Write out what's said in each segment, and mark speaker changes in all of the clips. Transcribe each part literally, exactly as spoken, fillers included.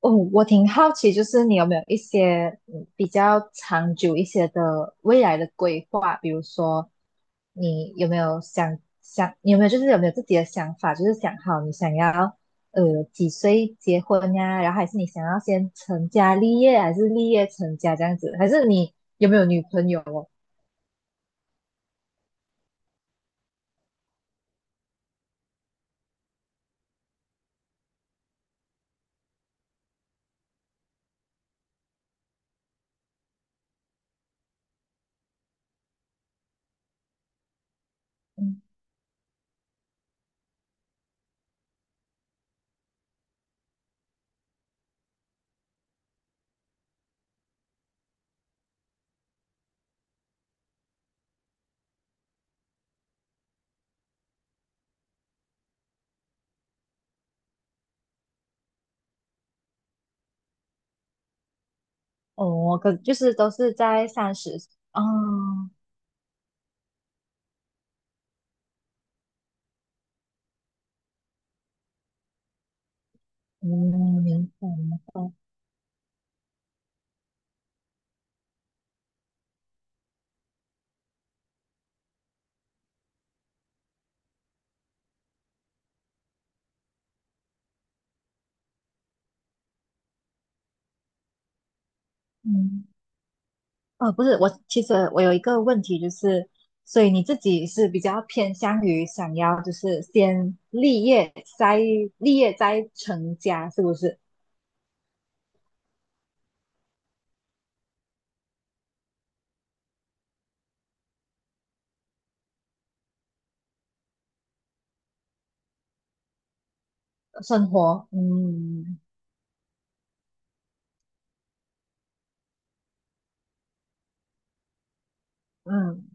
Speaker 1: 哦，我挺好奇，就是你有没有一些嗯比较长久一些的未来的规划？比如说，你有没有想想，你有没有就是有没有自己的想法？就是想好你想要呃几岁结婚呀？然后还是你想要先成家立业，还是立业成家这样子？还是你有没有女朋友哦？嗯，哦，可就是都是在三十。哦，嗯，明白明白，嗯。哦，不是，我其实我有一个问题，就是，所以你自己是比较偏向于想要就是先立业再立业再成家，是不是？生活，嗯，嗯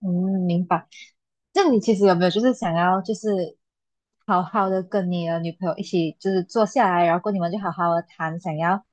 Speaker 1: 嗯，明白。那你其实有没有就是想要就是好好的跟你的女朋友一起就是坐下来，然后跟你们就好好的谈，想要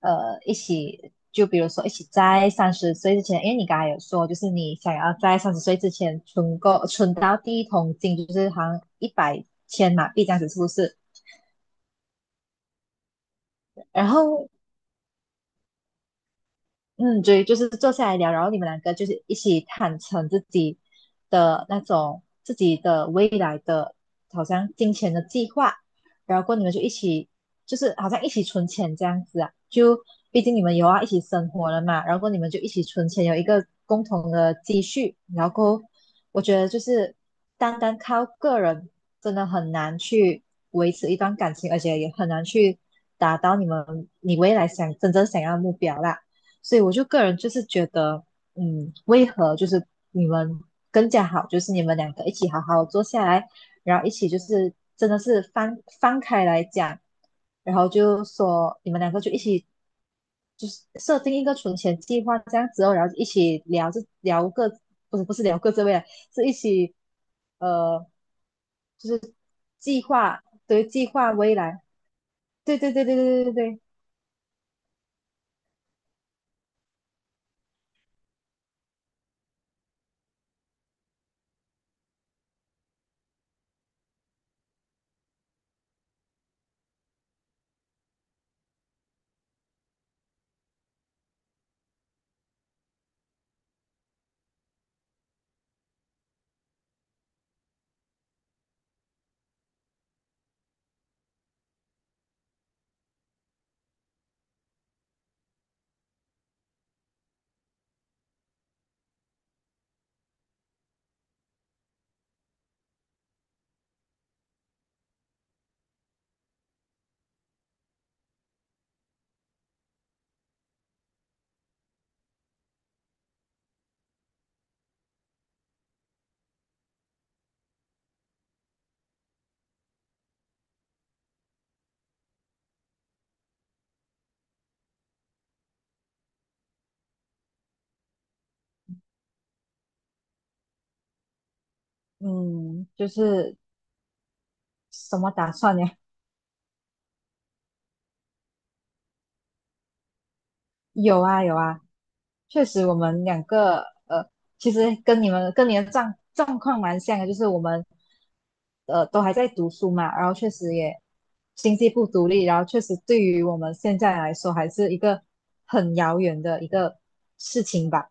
Speaker 1: 呃一起就比如说一起在三十岁之前，因为你刚才有说就是你想要在三十岁之前存够存到第一桶金，就是好像一百千马币这样子，是不是？然后嗯，对，就是坐下来聊，然后你们两个就是一起坦诚自己的那种自己的未来的，好像金钱的计划，然后过后你们就一起，就是好像一起存钱这样子啊，就毕竟你们有要一起生活了嘛，然后过后你们就一起存钱，有一个共同的积蓄，然后过后我觉得就是单单靠个人真的很难去维持一段感情，而且也很难去达到你们你未来想真正想要的目标啦。所以我就个人就是觉得，嗯，为何就是你们更加好，就是你们两个一起好好坐下来，然后一起就是真的是翻翻开来讲，然后就说你们两个就一起就是设定一个存钱计划这样子哦，然后一起聊这聊个不是不是聊各自未来，是一起呃计划对计划未来，对对对对对对对，对嗯，就是什么打算呀？有啊有啊，确实我们两个呃，其实跟你们跟你的状状况蛮像的，就是我们呃都还在读书嘛，然后确实也经济不独立，然后确实对于我们现在来说还是一个很遥远的一个事情吧。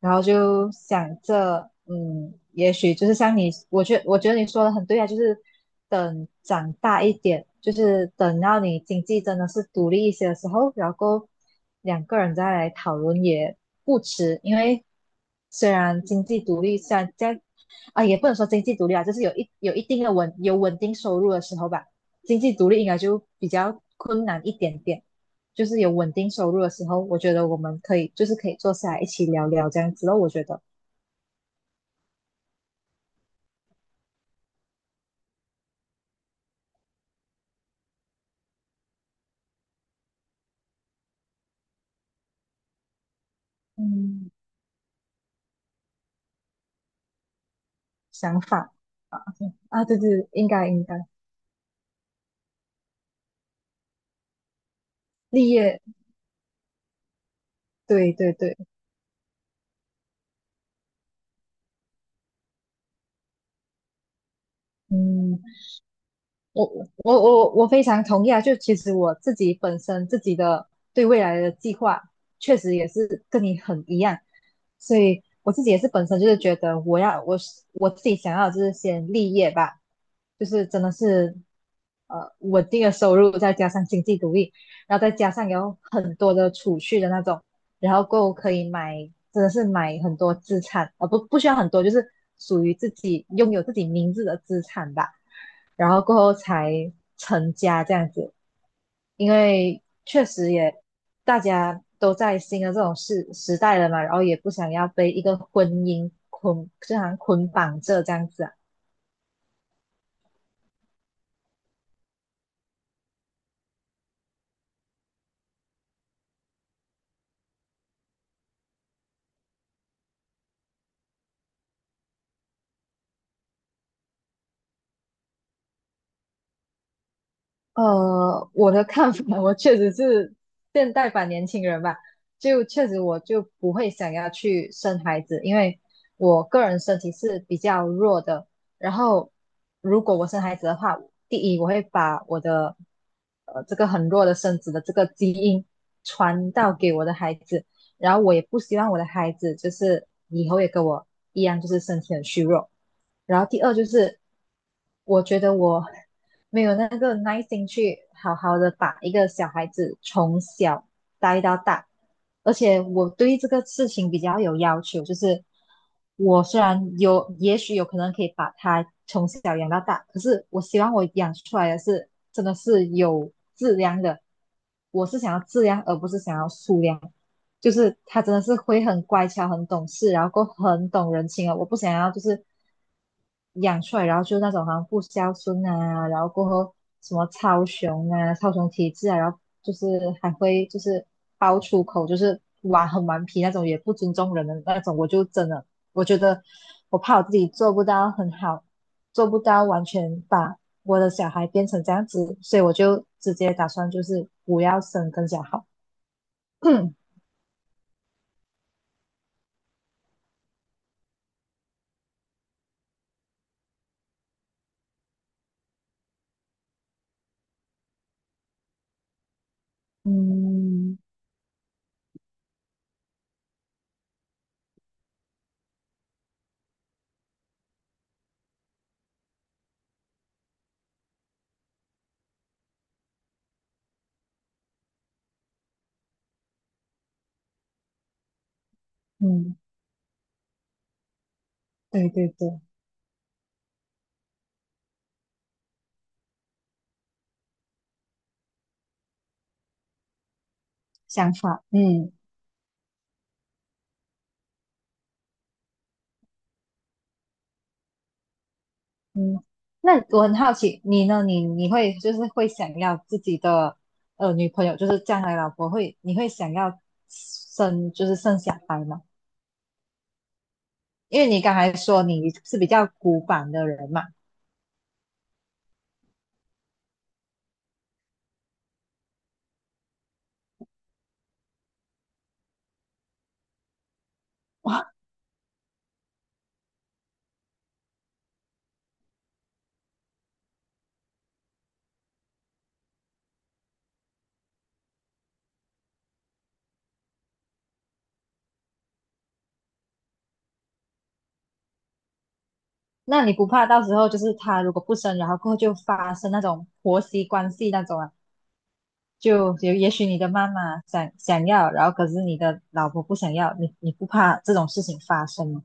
Speaker 1: 然后就想着，嗯，也许就是像你，我觉我觉得你说的很对啊，就是等长大一点，就是等到你经济真的是独立一些的时候，然后两个人再来讨论也不迟，因为虽然经济独立，虽然在啊也不能说经济独立啊，就是有一有一定的稳有稳定收入的时候吧，经济独立应该就比较困难一点点。就是有稳定收入的时候，我觉得我们可以就是可以坐下来一起聊聊这样子然我觉得，嗯，想法啊。啊，对对，应该应该，立业，对对对，嗯，我我我我非常同意啊！就其实我自己本身自己的对未来的计划，确实也是跟你很一样，所以我自己也是本身就是觉得我要我是我自己想要就是先立业吧，就是真的是呃稳定的收入，再加上经济独立，然后再加上有很多的储蓄的那种，然后够可以买，真的是买很多资产啊，不不需要很多，就是属于自己拥有自己名字的资产吧，然后过后才成家这样子，因为确实也大家都在新的这种时时代了嘛，然后也不想要被一个婚姻捆，就好像捆绑着这样子啊，呃，我的看法，我确实是现代版年轻人吧，就确实我就不会想要去生孩子，因为我个人身体是比较弱的。然后，如果我生孩子的话，第一我会把我的呃这个很弱的身子的这个基因传到给我的孩子，然后我也不希望我的孩子就是以后也跟我一样，就是身体很虚弱。然后第二就是，我觉得我没有那个耐心去好好的把一个小孩子从小带到大，而且我对这个事情比较有要求，就是我虽然有，也许有可能可以把他从小养到大，可是我希望我养出来的是真的是有质量的，我是想要质量，而不是想要数量。就是他真的是会很乖巧、很懂事，然后过很懂人情啊。我不想要就是养出来，然后就是那种好像不孝顺啊，然后过后什么超雄啊、超雄体质啊，然后就是还会就是爆粗口，就是玩很顽皮那种，也不尊重人的那种。我就真的我觉得我怕我自己做不到很好，做不到完全把我的小孩变成这样子，所以我就直接打算就是不要生更加好。嗯。嗯，对对对，想法，嗯嗯，那我很好奇，你呢？你你会就是会想要自己的呃女朋友，就是将来老婆会，你会想要生就是生小孩吗？因为你刚才说你是比较古板的人嘛，那你不怕到时候就是他如果不生，然后过后就发生那种婆媳关系那种啊？就也也许你的妈妈想想要，然后可是你的老婆不想要，你你不怕这种事情发生吗？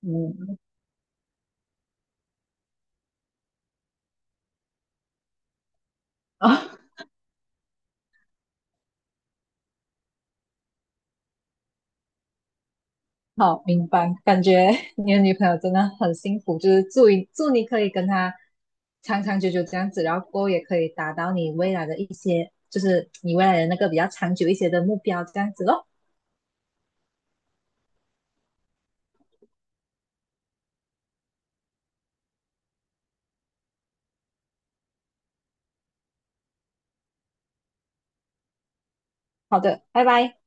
Speaker 1: 嗯。好，明白。感觉 你的女朋友真的很幸福，就是祝你祝你可以跟她长长久久这样子，然后过后也可以达到你未来的一些，就是你未来的那个比较长久一些的目标，这样子咯。好的，拜拜。